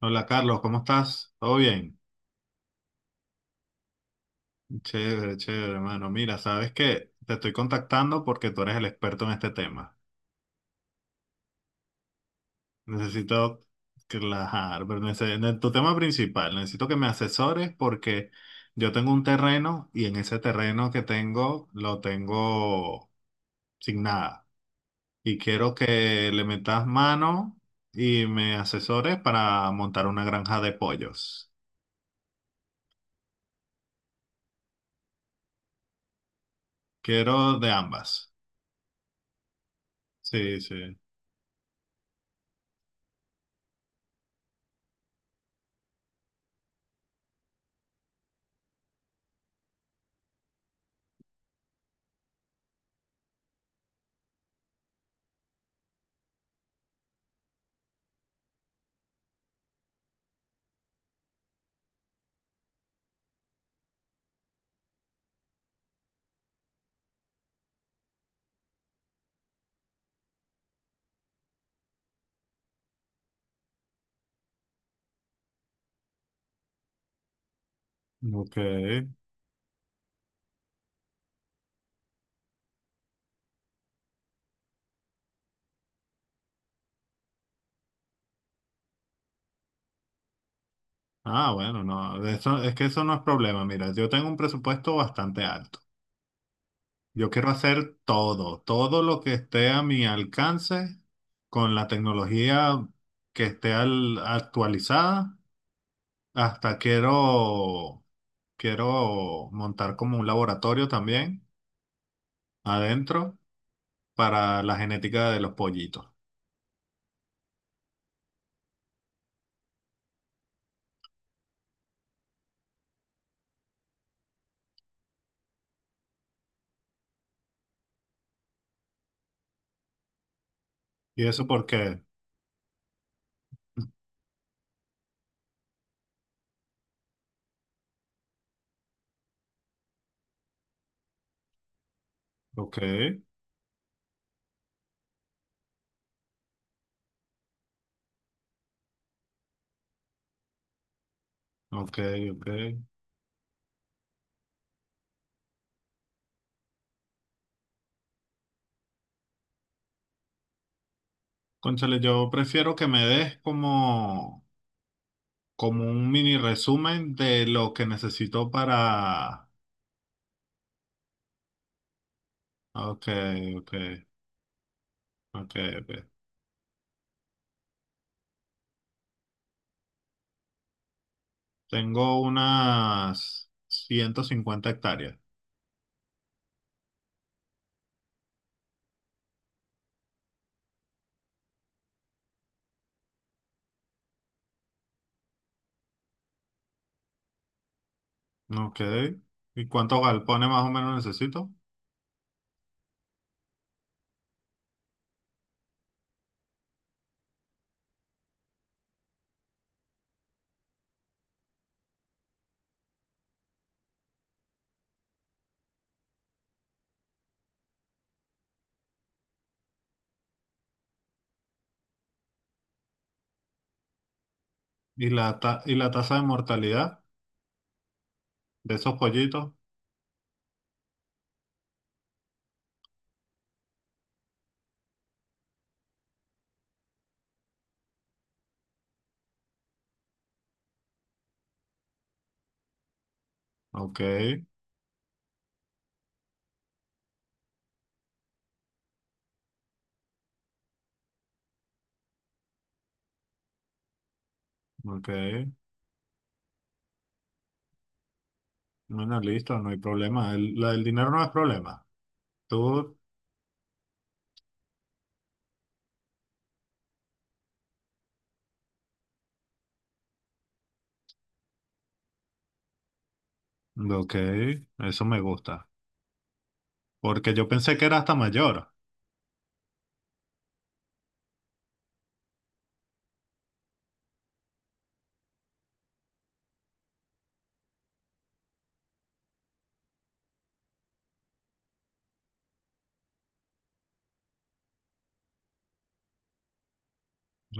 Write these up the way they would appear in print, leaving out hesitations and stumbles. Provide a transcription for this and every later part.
Hola Carlos, ¿cómo estás? ¿Todo bien? Chévere, chévere, hermano. Mira, sabes que te estoy contactando porque tú eres el experto en este tema. Necesito relajar, pero en tu tema principal, necesito que me asesores porque yo tengo un terreno y en ese terreno que tengo lo tengo sin nada. Y quiero que le metas mano y me asesores para montar una granja de pollos. Quiero de ambas. Sí, sí. Ok. Ah, bueno, no, de eso, es que eso no es problema. Mira, yo tengo un presupuesto bastante alto. Yo quiero hacer todo, todo lo que esté a mi alcance con la tecnología que esté actualizada. Hasta quiero montar como un laboratorio también adentro para la genética de los pollitos. ¿Y eso por qué? Ok, ok, ok. Cónchale, yo prefiero que me des como como un mini resumen de lo que necesito para Ok, ok, ok, ok. Tengo unas 150 hectáreas. Ok. ¿Y cuántos galpones más o menos necesito? ¿Y la tasa de mortalidad de esos pollitos? Ok, ok. Bueno, listo, no hay problema. El, la del dinero no es problema. Tú, ok, eso me gusta. Porque yo pensé que era hasta mayor.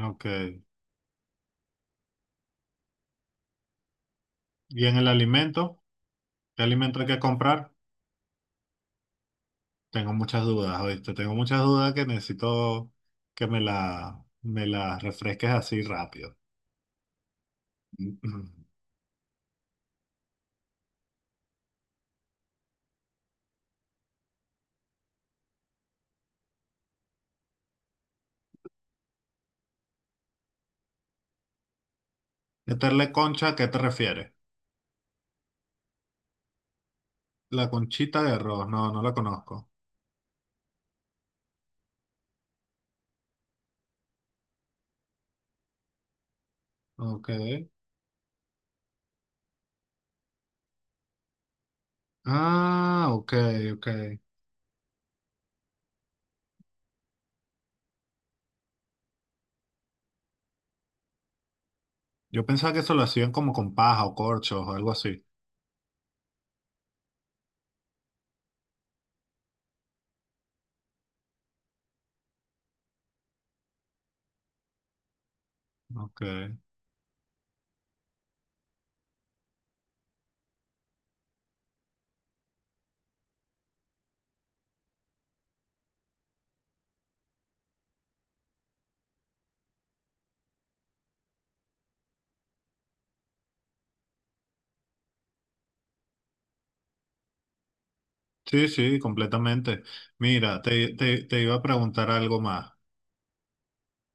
Ok. ¿Y en el alimento? ¿Qué alimento hay que comprar? Tengo muchas dudas, ¿oíste? Tengo muchas dudas que necesito que me las refresques así rápido. Meterle concha, ¿a qué te refieres? La conchita de arroz, no, no la conozco. Ok. Ah, ok, ok. Yo pensaba que eso lo hacían como con paja o corchos o algo así. Ok. Sí, sí, completamente. Mira, te iba a preguntar algo más.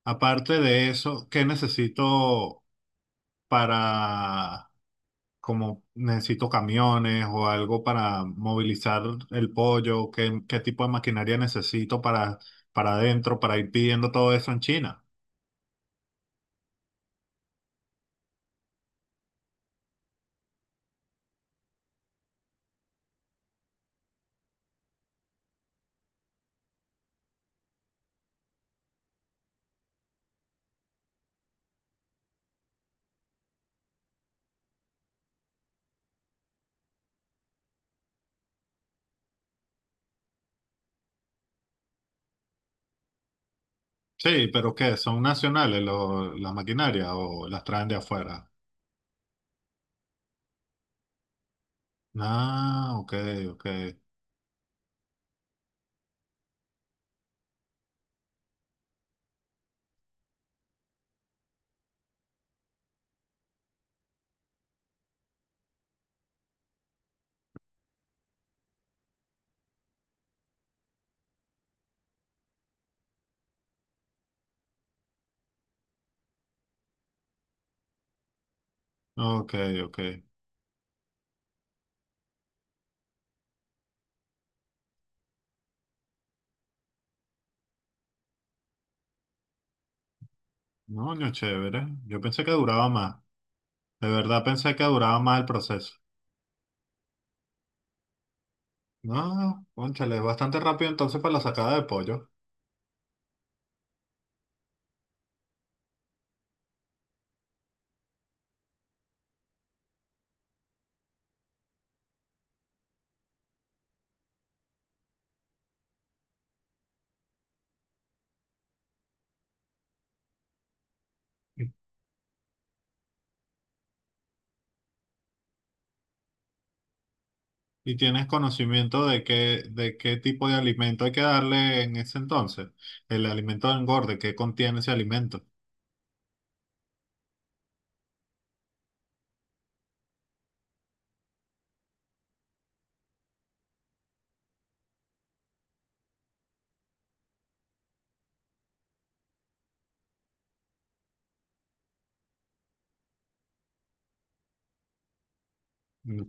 Aparte de eso, ¿qué necesito para como necesito camiones o algo para movilizar el pollo, qué tipo de maquinaria necesito para, adentro, para ir pidiendo todo eso en China. Sí, pero ¿qué? ¿Son nacionales las maquinarias o las traen de afuera? Ah, ok, ok, ok, ok. No, no, chévere. Yo pensé que duraba más. De verdad pensé que duraba más el proceso. No, cónchale, es bastante rápido entonces para la sacada de pollo. ¿Y tienes conocimiento de qué tipo de alimento hay que darle en ese entonces? El alimento de engorde, ¿qué contiene ese alimento?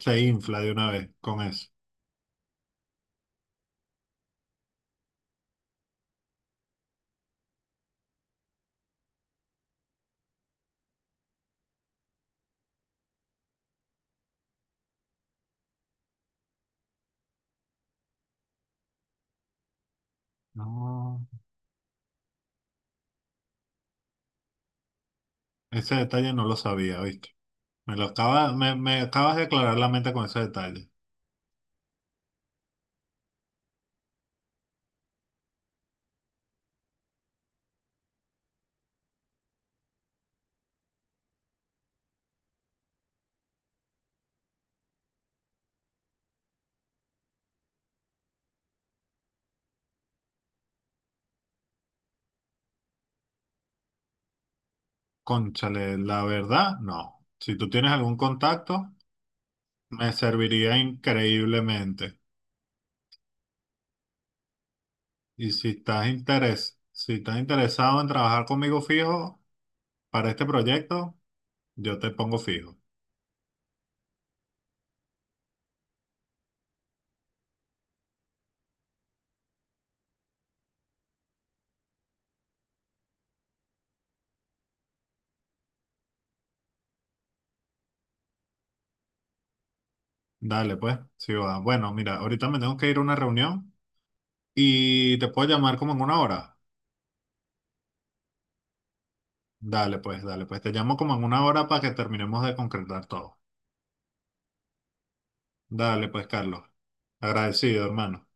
Se infla de una vez con eso. No. Ese detalle no lo sabía, ¿viste? Me acabas de aclarar la mente con ese detalle. Cónchale, la verdad, no. Si tú tienes algún contacto, me serviría increíblemente. Y si estás si estás interesado en trabajar conmigo fijo para este proyecto, yo te pongo fijo. Dale, pues. Sí, va. Bueno, mira, ahorita me tengo que ir a una reunión y te puedo llamar como en una hora. Dale, pues, dale, pues. Te llamo como en una hora para que terminemos de concretar todo. Dale, pues, Carlos. Agradecido, hermano.